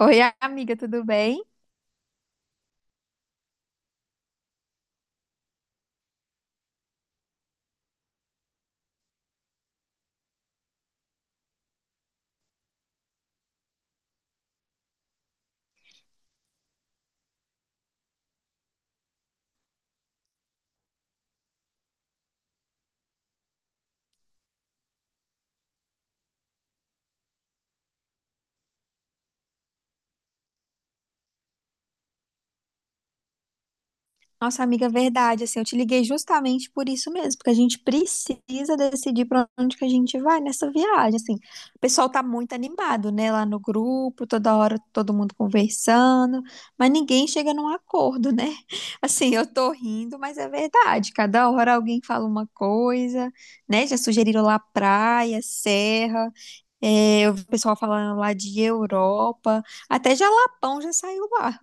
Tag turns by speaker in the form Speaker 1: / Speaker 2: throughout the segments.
Speaker 1: Oi, amiga, tudo bem? Nossa, amiga, verdade, assim, eu te liguei justamente por isso mesmo, porque a gente precisa decidir para onde que a gente vai nessa viagem, assim. O pessoal tá muito animado, né, lá no grupo, toda hora todo mundo conversando, mas ninguém chega num acordo, né? Assim, eu tô rindo, mas é verdade, cada hora alguém fala uma coisa, né? Já sugeriram lá praia, serra, eu vi o pessoal falando lá de Europa, até Jalapão já saiu lá.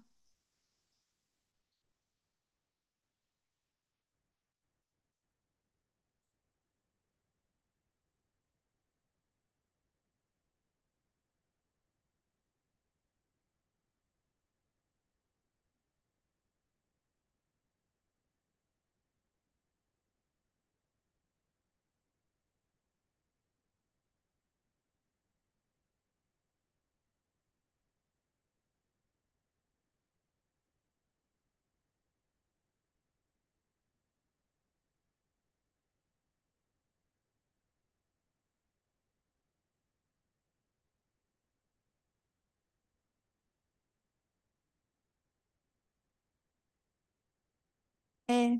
Speaker 1: É,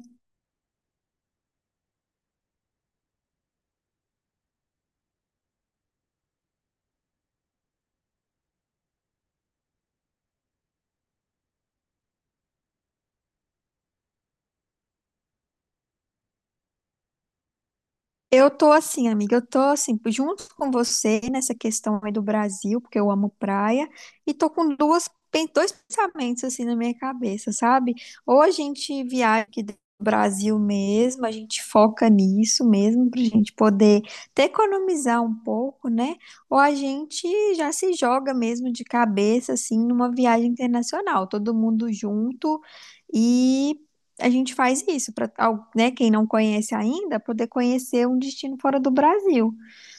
Speaker 1: eu tô assim, amiga, junto com você nessa questão aí do Brasil, porque eu amo praia, e tô com dois pensamentos assim na minha cabeça, sabe? Ou a gente viaja aqui do Brasil mesmo, a gente foca nisso mesmo, pra gente poder até economizar um pouco, né? Ou a gente já se joga mesmo de cabeça, assim, numa viagem internacional, todo mundo junto, a gente faz isso para, né, quem não conhece ainda, poder conhecer um destino fora do Brasil.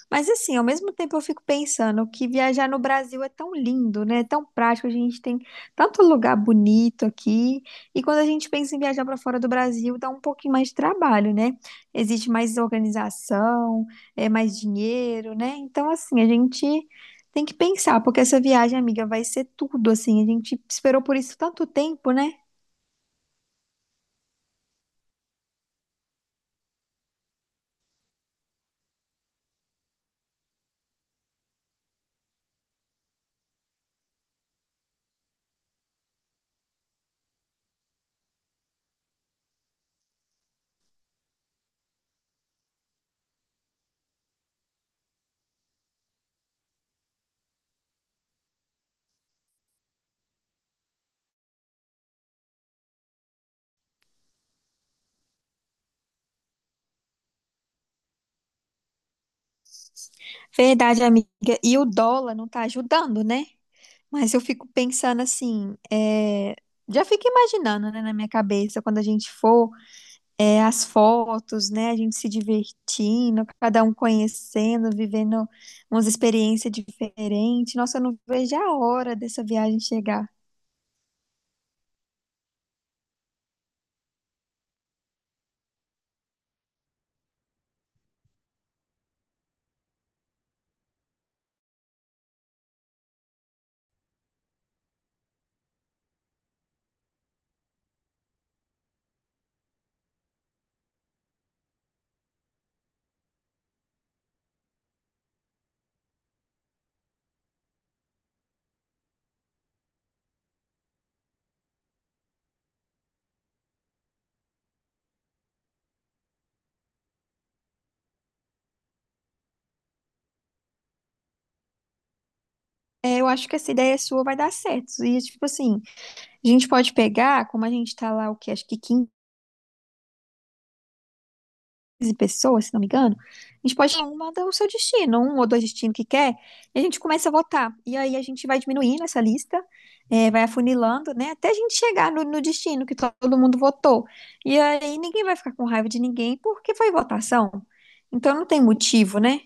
Speaker 1: Mas assim, ao mesmo tempo eu fico pensando que viajar no Brasil é tão lindo, né? É tão prático, a gente tem tanto lugar bonito aqui. E quando a gente pensa em viajar para fora do Brasil, dá um pouquinho mais de trabalho, né? Existe mais organização, é mais dinheiro, né? Então assim, a gente tem que pensar, porque essa viagem, amiga, vai ser tudo assim. A gente esperou por isso tanto tempo, né? Verdade, amiga. E o dólar não tá ajudando, né? Mas eu fico pensando assim, já fico imaginando, né, na minha cabeça, quando a gente for, as fotos, né, a gente se divertindo, cada um conhecendo, vivendo umas experiências diferentes. Nossa, eu não vejo a hora dessa viagem chegar. É, eu acho que essa ideia sua vai dar certo. E, tipo assim, a gente pode pegar, como a gente tá lá, o quê? Acho que 15 pessoas, se não me engano, a gente pode dar uma do seu destino, um ou dois destinos que quer, e a gente começa a votar. E aí a gente vai diminuindo essa lista, vai afunilando, né, até a gente chegar no destino que todo mundo votou. E aí ninguém vai ficar com raiva de ninguém porque foi votação. Então não tem motivo, né?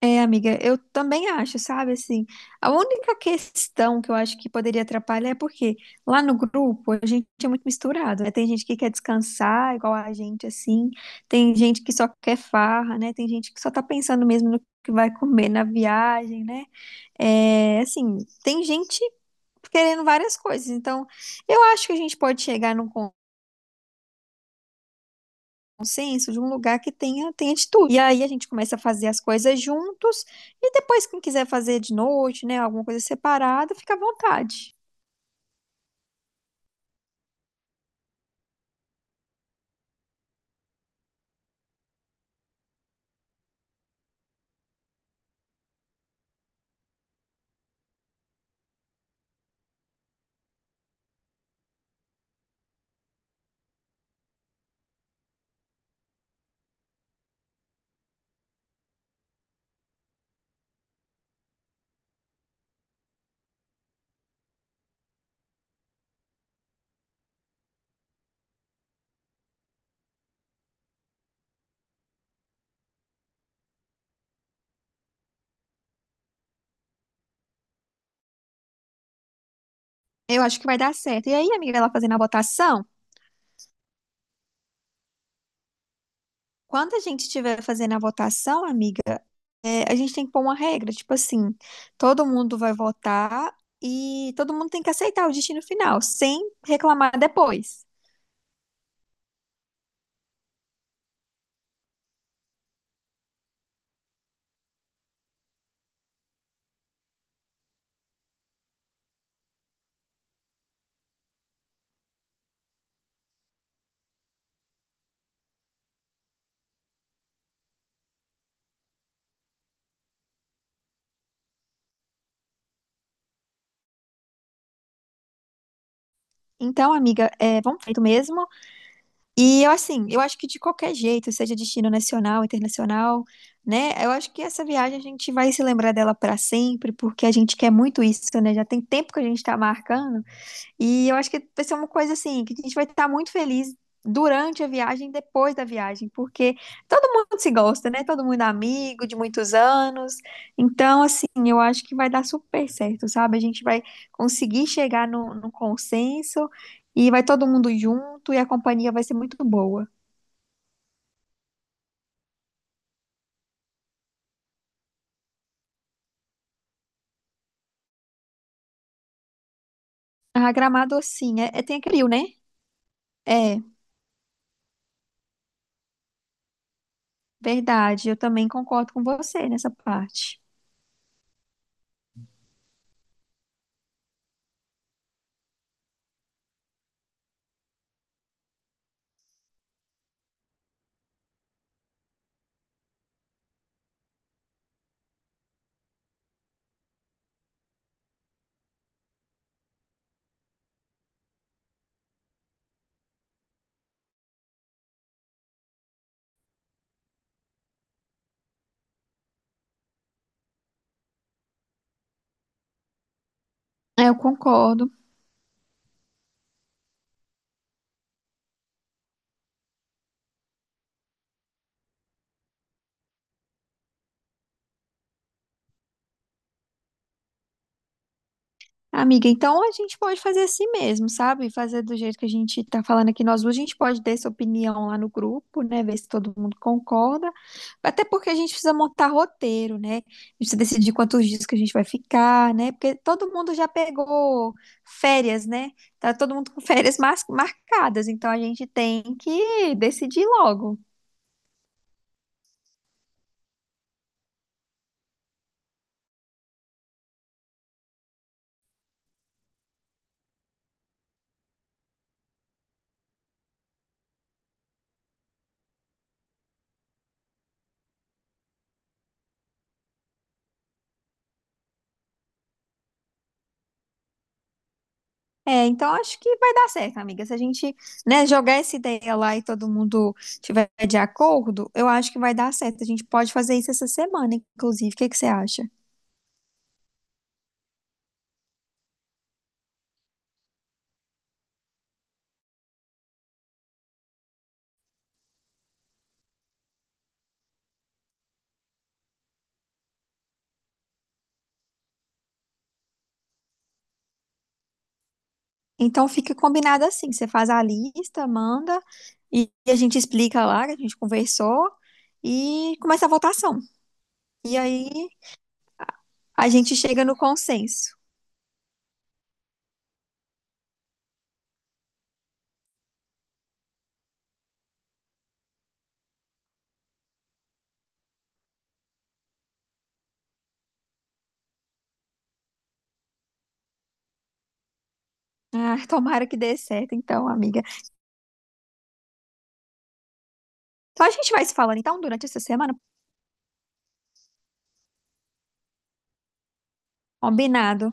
Speaker 1: É, amiga, eu também acho, sabe, assim, a única questão que eu acho que poderia atrapalhar é porque lá no grupo a gente é muito misturado, né? Tem gente que quer descansar igual a gente, assim, tem gente que só quer farra, né? Tem gente que só tá pensando mesmo no que vai comer na viagem, né? É, assim, tem gente querendo várias coisas, então eu acho que a gente pode chegar num consenso de um lugar que tenha de tudo. E aí a gente começa a fazer as coisas juntos e depois quem quiser fazer de noite, né, alguma coisa separada, fica à vontade. Eu acho que vai dar certo. E aí, amiga, ela fazendo a votação, quando a gente estiver fazendo a votação, amiga, a gente tem que pôr uma regra, tipo assim, todo mundo vai votar e todo mundo tem que aceitar o destino final, sem reclamar depois. Então, amiga, vamos feito mesmo. E eu assim, eu acho que de qualquer jeito, seja destino nacional, internacional, né? Eu acho que essa viagem a gente vai se lembrar dela para sempre, porque a gente quer muito isso, né? Já tem tempo que a gente está marcando. E eu acho que vai ser uma coisa assim, que a gente vai estar muito feliz durante a viagem, e depois da viagem, porque todo mundo se gosta, né? Todo mundo é amigo de muitos anos. Então, assim, eu acho que vai dar super certo, sabe? A gente vai conseguir chegar no consenso e vai todo mundo junto e a companhia vai ser muito boa. A Gramado, assim, tem aquele rio, né? É, verdade. Eu também concordo com você nessa parte. É, eu concordo. Amiga, então a gente pode fazer assim mesmo, sabe? Fazer do jeito que a gente tá falando aqui nós duas, a gente pode dar essa opinião lá no grupo, né? Ver se todo mundo concorda. Até porque a gente precisa montar roteiro, né? A gente precisa decidir quantos dias que a gente vai ficar, né? Porque todo mundo já pegou férias, né? Tá todo mundo com marcadas, então a gente tem que decidir logo. É, então acho que vai dar certo, amiga. Se a gente, né, jogar essa ideia lá e todo mundo tiver de acordo, eu acho que vai dar certo. A gente pode fazer isso essa semana, inclusive. O que que você acha? Então fica combinado assim. Você faz a lista, manda e a gente explica lá que a gente conversou e começa a votação. E aí a gente chega no consenso. Ah, tomara que dê certo, então, amiga. Então a gente vai se falando então durante essa semana, combinado.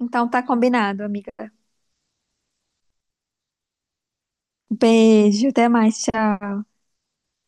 Speaker 1: Então tá combinado, amiga. Beijo, até mais. Tchau.